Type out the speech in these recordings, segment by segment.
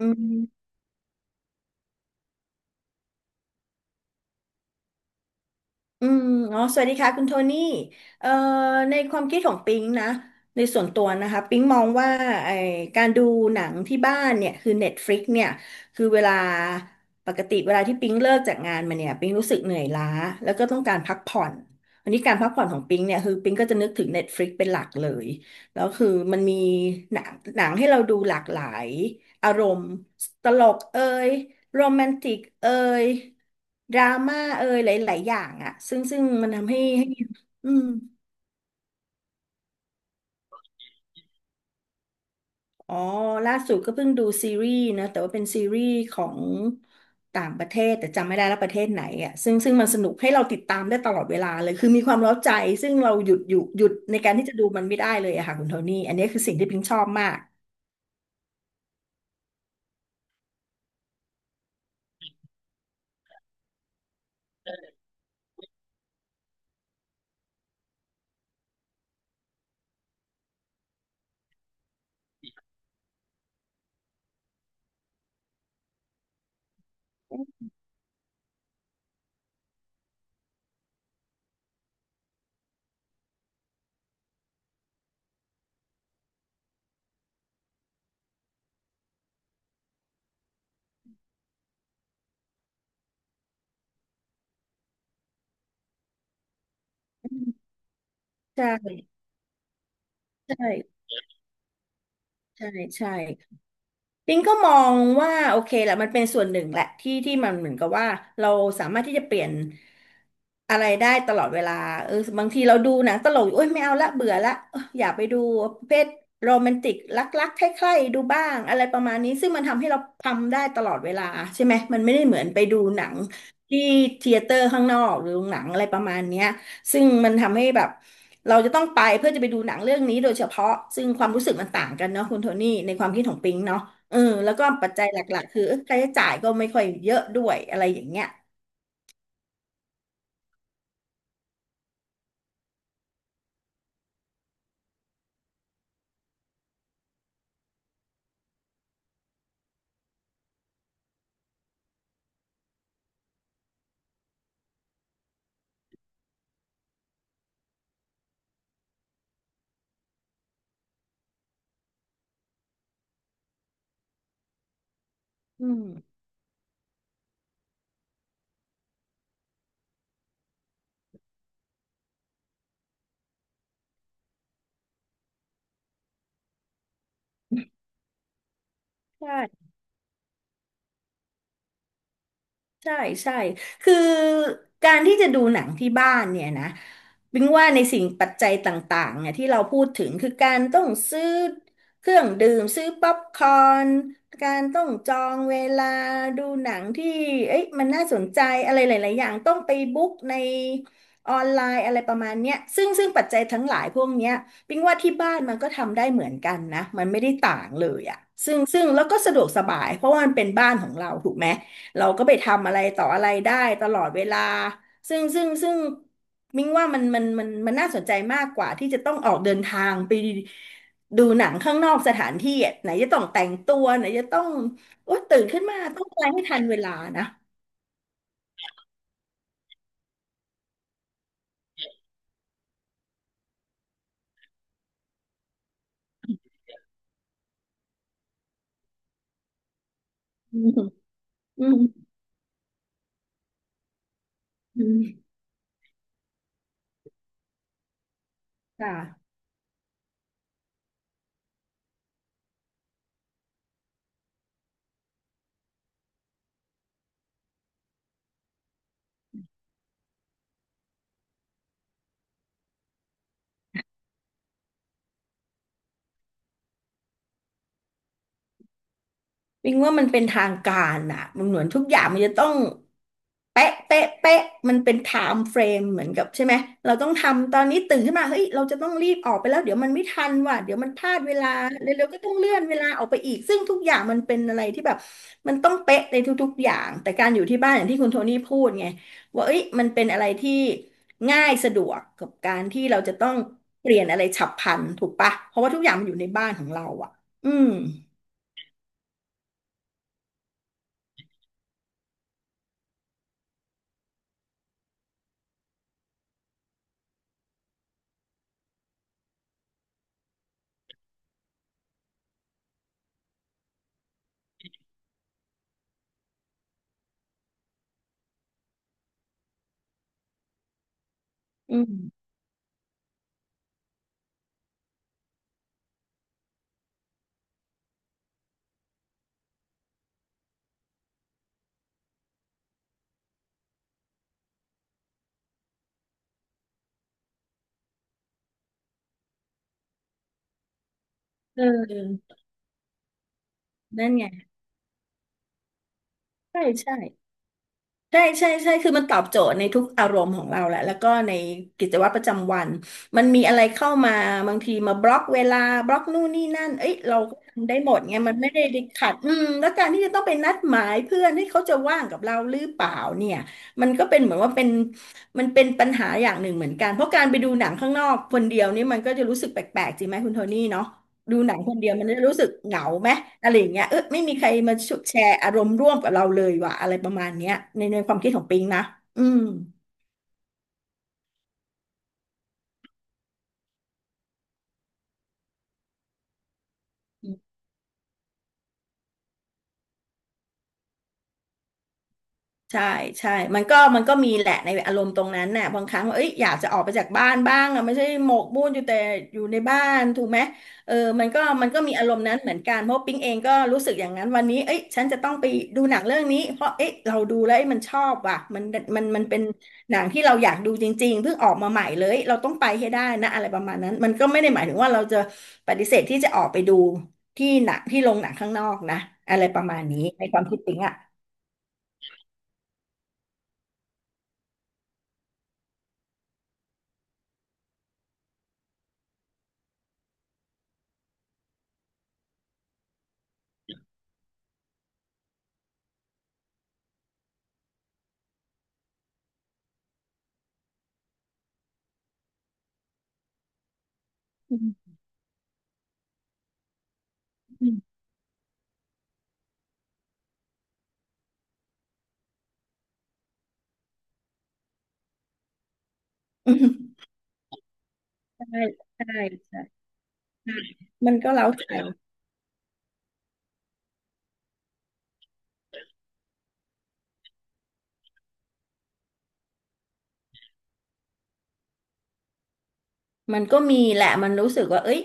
อืมอืมอ๋อสวัสดีค่ะคุณโทนี่เอ่อในความคิดของปิงนะในส่วนตัวนะคะปิงมองว่าไอการดูหนังที่บ้านเนี่ยคือ Netflix เนี่ยคือเวลาปกติเวลาที่ปิงเลิกจากงานมาเนี่ยปิงรู้สึกเหนื่อยล้าแล้วก็ต้องการพักผ่อนวันนี้การพักผ่อนของปิงเนี่ยคือปิงก็จะนึกถึง Netflix เป็นหลักเลยแล้วคือมันมีหนังหนังให้เราดูหลากหลายอารมณ์ตลกเอย โรแมนติกเอยดราม่าเอยหลายๆอย่างอะซึ่งมันทำให้อืมอ๋อล่าสุดก็เพิ่งดูซีรีส์นะแต่ว่าเป็นซีรีส์ของต่างประเทศแต่จำไม่ได้แล้วประเทศไหนอ่ะซึ่งมันสนุกให้เราติดตามได้ตลอดเวลาเลยคือมีความเร้าใจซึ่งเราหยุดในการที่จะดูมันไม่ได้เลยอะค่ะคุณโทนี่อันนี้คือสิ่งที่พิงชอบมากใช่ใช่ใช่ใช่ ปิงก็มองว่าโอเคแหละมันเป็นส่วนหนึ่งแหละที่ที่มันเหมือนกับว่าเราสามารถที่จะเปลี่ยนอะไรได้ตลอดเวลาเออบางทีเราดูหนังตลกอยู่โอ้ยไม่เอาละเบื่อละเอออยากไปดูประเภทโรแมนติกรักๆใคร่ๆดูบ้างอะไรประมาณนี้ซึ่งมันทำให้เราทำได้ตลอดเวลาใช่ไหมมันไม่ได้เหมือนไปดูหนังที่เธียเตอร์ข้างนอกหรือโรงหนังอะไรประมาณเนี้ยซึ่งมันทำให้แบบเราจะต้องไปเพื่อจะไปดูหนังเรื่องนี้โดยเฉพาะซึ่งความรู้สึกมันต่างกันเนาะคุณโทนี่ในความคิดของปิงเนาะ เออแล้วก็ปัจจัยหลักๆคือเออค่าใช้จ่ายก็ไม่ค่อยเยอะด้วยอะไรอย่างเงี้ยอืมใช่ ใช่ใช่คือการที่จะดูหนังที่บ้านเนี่ยนะบิงว่าในสิ่งปัจจัยต่างๆเนี่ยที่เราพูดถึงคือการต้องซื้อเครื่องดื่มซื้อป๊อปคอร์นการต้องจองเวลาดูหนังที่เอ้ยมันน่าสนใจอะไรหลายๆอย่างต้องไปบุ๊กในออนไลน์อะไรประมาณเนี้ยซึ่งปัจจัยทั้งหลายพวกเนี้ยบิงว่าที่บ้านมันก็ทำได้เหมือนกันนะมันไม่ได้ต่างเลยอะซึ่งแล้วก็สะดวกสบายเพราะว่ามันเป็นบ้านของเราถูกไหม เราก็ไปทำอะไรต่ออะไรได้ตลอดเวลาซึ่งมิ้งว่ามันน่าสนใจมากกว่าที่จะต้องออกเดินทางไปดูหนังข้างนอกสถานที่อะไหนจะต้องแต่งตัวไหนจะต้องโอ๊ยตื่นขึ้นมาต้องอะไรให้ทันเวลานะอืมอืมอืมค่ะ วิงว่ามันเป็นทางการอ่ะมันเหมือนทุกอย่างมันจะต้องเป๊ะเป๊ะเป๊ะมันเป็นไทม์เฟรมเหมือนกับใช่ไหมเราต้องทำตอนนี้ตื่นขึ้นมาเฮ้ยเราจะต้องรีบออกไปแล้วเดี๋ยวมันไม่ทันว่ะเดี๋ยวมันพลาดเวลาเร็วๆก็ต้องเลื่อนเวลาออกไปอีกซึ่งทุกอย่างมันเป็นอะไรที่แบบมันต้องเป๊ะในทุกๆอย่างแต่การอยู่ที่บ้านอย่างที่คุณโทนี่พูดไงว่าเอ้ยมันเป็นอะไรที่ง่ายสะดวกกับการที่เราจะต้องเปลี่ยนอะไรฉับพลันถูกปะเพราะว่าทุกอย่างมันอยู่ในบ้านของเราอ่ะอืมอืมเออ นั่นไงใช่ใช่ใช่ใช่ใช่คือมันตอบโจทย์ในทุกอารมณ์ของเราแหละแล้วก็ในกิจวัตรประจำวันมันมีอะไรเข้ามาบางทีมาบล็อกเวลาบล็อกนู่นนี่นั่นเอ้ยเราก็ทำได้หมดไงมันไม่ได้ติดขัดอืมแล้วการที่จะต้องไปนัดหมายเพื่อนให้เขาจะว่างกับเราหรือเปล่าเนี่ยมันก็เป็นเหมือนว่าเป็นมันเป็นปัญหาอย่างหนึ่งเหมือนกันเพราะการไปดูหนังข้างนอกคนเดียวนี่มันก็จะรู้สึกแปลกๆจริงไหมคุณโทนี่เนาะดูหนังคนเดียวมันจะรู้สึกเหงาไหม อะไรอย่างเงี้ยเออไม่มีใครมาแชร์อารมณ์ร่วมกับเราเลยว่ะอะไรประมาณเนี้ยในความคิดของปิงนะอืม ใช่ใช่มันก็มีแหละในอารมณ์ตรงนั้นน่ะบางครั้งเอ้ยอยากจะออกไปจากบ้านบ้างอะไม่ใช่หมกมุ่นอยู่แต่อยู่ในบ้านถูกไหมเออมันก็มีอารมณ์นั้นเหมือนกันเพราะปิ๊งเองก็รู้สึกอย่างนั้นวันนี้เอ้ยฉันจะต้องไปดูหนังเรื่องนี้เพราะเอ้ยเราดูแล้วเอ้ยมันชอบว่ะมันเป็นหนังที่เราอยากดูจริงๆเพิ่งออกมาใหม่เลยเราต้องไปให้ได้นะอะไรประมาณนั้นมันก็ไม่ได้หมายถึงว่าเราจะปฏิเสธที่จะออกไปดูที่หนังที่โรงหนังข้างนอกนะอะไรประมาณนี้ในความคิดปิ๊งอ่ะ ใช่ใช่ มันก็เล้าใจมันก็มีแหละมันรู้สึกว่าเอ้ย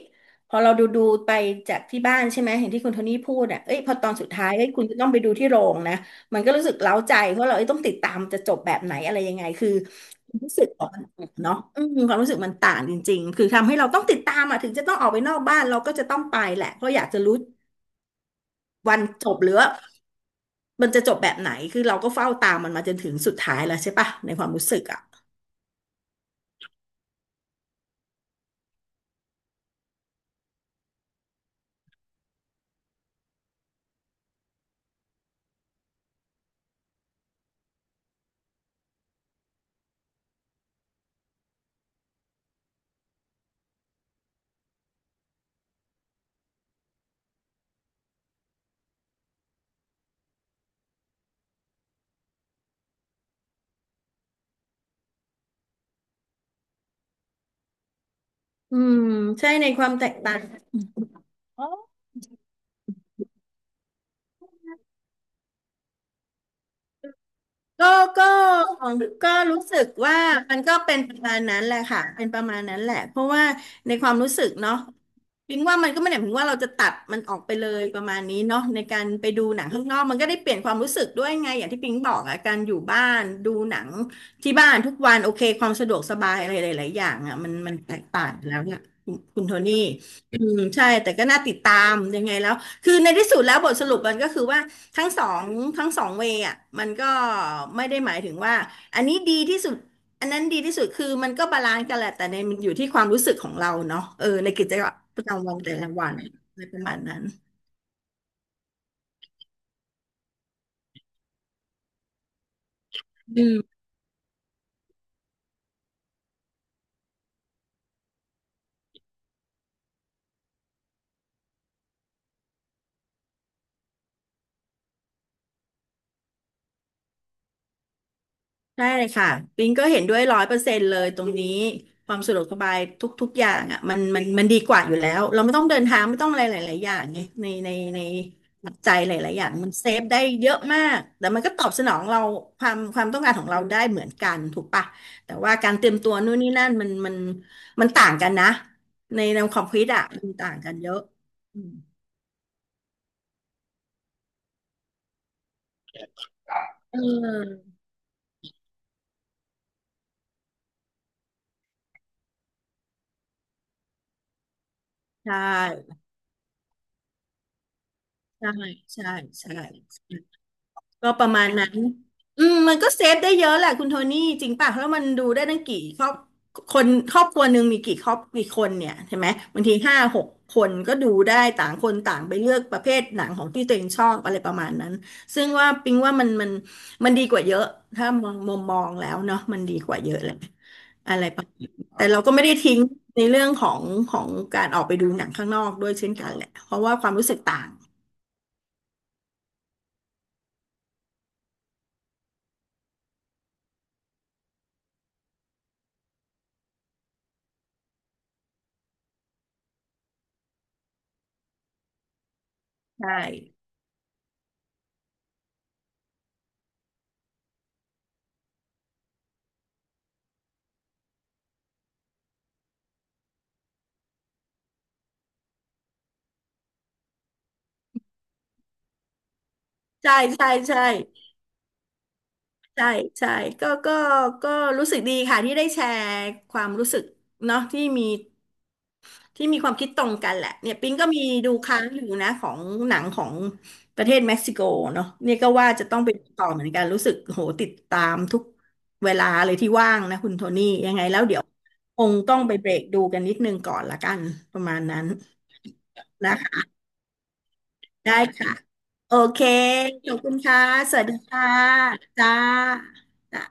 พอเราดูไปจากที่บ้านใช่ไหม เห็นที่คุณโทนี่พูดอ่ะเอ้ยพอตอนสุดท้ายเอ้ยคุณจะต้องไปดูที่โรงนะ มันก็รู้สึกเล้าใจเพราะเราเอ้ยต้องติดตามจะจบแบบไหนอะไรยังไงคือความรู้สึกออกมันเนาะอืมความรู้สึกมันต่างจริงๆ คือทำให้เราต้องติดตามอ่ะถึงจะต้องออกไปนอกบ้านเราก็จะต้องไปแหละเพราะอยากจะรู้วันจบหรือว่ามันจะจบแบบไหนคือเราก็เฝ้าตามมันมาจนถึงสุดท้ายแล้วใช่ปะในความรู้สึกอ่ะอืมใช่ในความแตกต่าง ก็ก็ก็รู้สึกว่ามันก็เป็นประมาณนั้นแหละค่ะเป็นประมาณนั้นแหละเพราะว่าในความรู้สึกเนาะพิงว่ามันก็ไม่ได้หมายถึงว่าเราจะตัดมันออกไปเลยประมาณนี้เนาะในการไปดูหนังข้างนอกมันก็ได้เปลี่ยนความรู้สึกด้วยไงอย่างที่พิงบอกอะการอยู่บ้านดูหนังที่บ้านทุกวันโอเคความสะดวกสบายอะไรหลายๆอย่างอะมันแตกต่างแล้วเนี่ยคุณโทนี่อืมใช่แต่ก็น่าติดตามยังไงแล้วคือในที่สุดแล้วบทสรุปมันก็คือว่า ทั้งสองทั้งสองเวย์อ่ะมันก็ไม่ได้หมายถึงว่าอันนี้ดีที่สุดอันนั้นดีที่สุดคือมันก็บาลานซ์กันแหละแต่ในมันอยู่ที่ความรู้สึกของเราเนาะเออในกิจวัตรประจำวันแต่ละวันอะไรประมาณนั้นอืม ได้เลยค่ะปิงก็เห็นด้วย100%เลยตรงนี้ความสะดวกสบายทุกๆอย่างอ่ะมันดีกว่าอยู่แล้วเราไม่ต้องเดินทางไม่ต้องอะไรหลายๆอย่างไงในปัจจัยหลายๆอย่างมันเซฟได้เยอะมากแต่มันก็ตอบสนองเราความต้องการของเราได้เหมือนกันถูกปะแต่ว่าการเตรียมตัวนู่นนี่นั่นมันต่างกันนะในแนวความคิดอ่ะมันต่างกันเยอะอืมเออใช่ใช่ใช่ใช่ ก็ประมาณนั้นอืมมันก็เซฟได้เยอะแหละคุณโทนี่จริงป่ะแล้วมันดูได้ตั้งกี่ครอบคนครอบครัวหนึ่งมีกี่ครอบกี่คนเนี่ยใช่ไหมบางที5-6 คนก็ดูได้ต่างคนต่างไปเลือกประเภทหนังของที่ตัวเองชอบอะไรประมาณนั้นซึ่งว่าปิงว่ามันดีกว่าเยอะถ้ามองมุมมองแล้วเนาะมันดีกว่าเยอะเลยอะไรประมาณน้แต่เราก็ไม่ได้ทิ้งในเรื่องของการออกไปดูหนังข้างนอกด้วยเช่นกันแหละเพราะว่าความรู้สึกต่างใช่ใช่ใช่ใช่ ใช่ใช่ก็ก็ก็รู้สึกดีค่ะที่ได้แชร์ความรู้สึกเนาะที่มีความคิดตรงกันแหละเนี่ยปิงก็มีดูค้างอยู่นะของหนังของประเทศเม็กซิโกเนาะเนี่ยก็ว่าจะต้องไปดูต่อเหมือนกันรู้สึกโหติดตามทุกเวลาเลยที่ว่างนะคุณโทนี่ยังไงแล้วเดี๋ยวคงต้องไปเบรกดูกันนิดนึงก่อนละกันประมาณนั้นนะคะได้ค่ะโอเคขอบคุณค่ะสวัสดีค่ะจ้าจ้า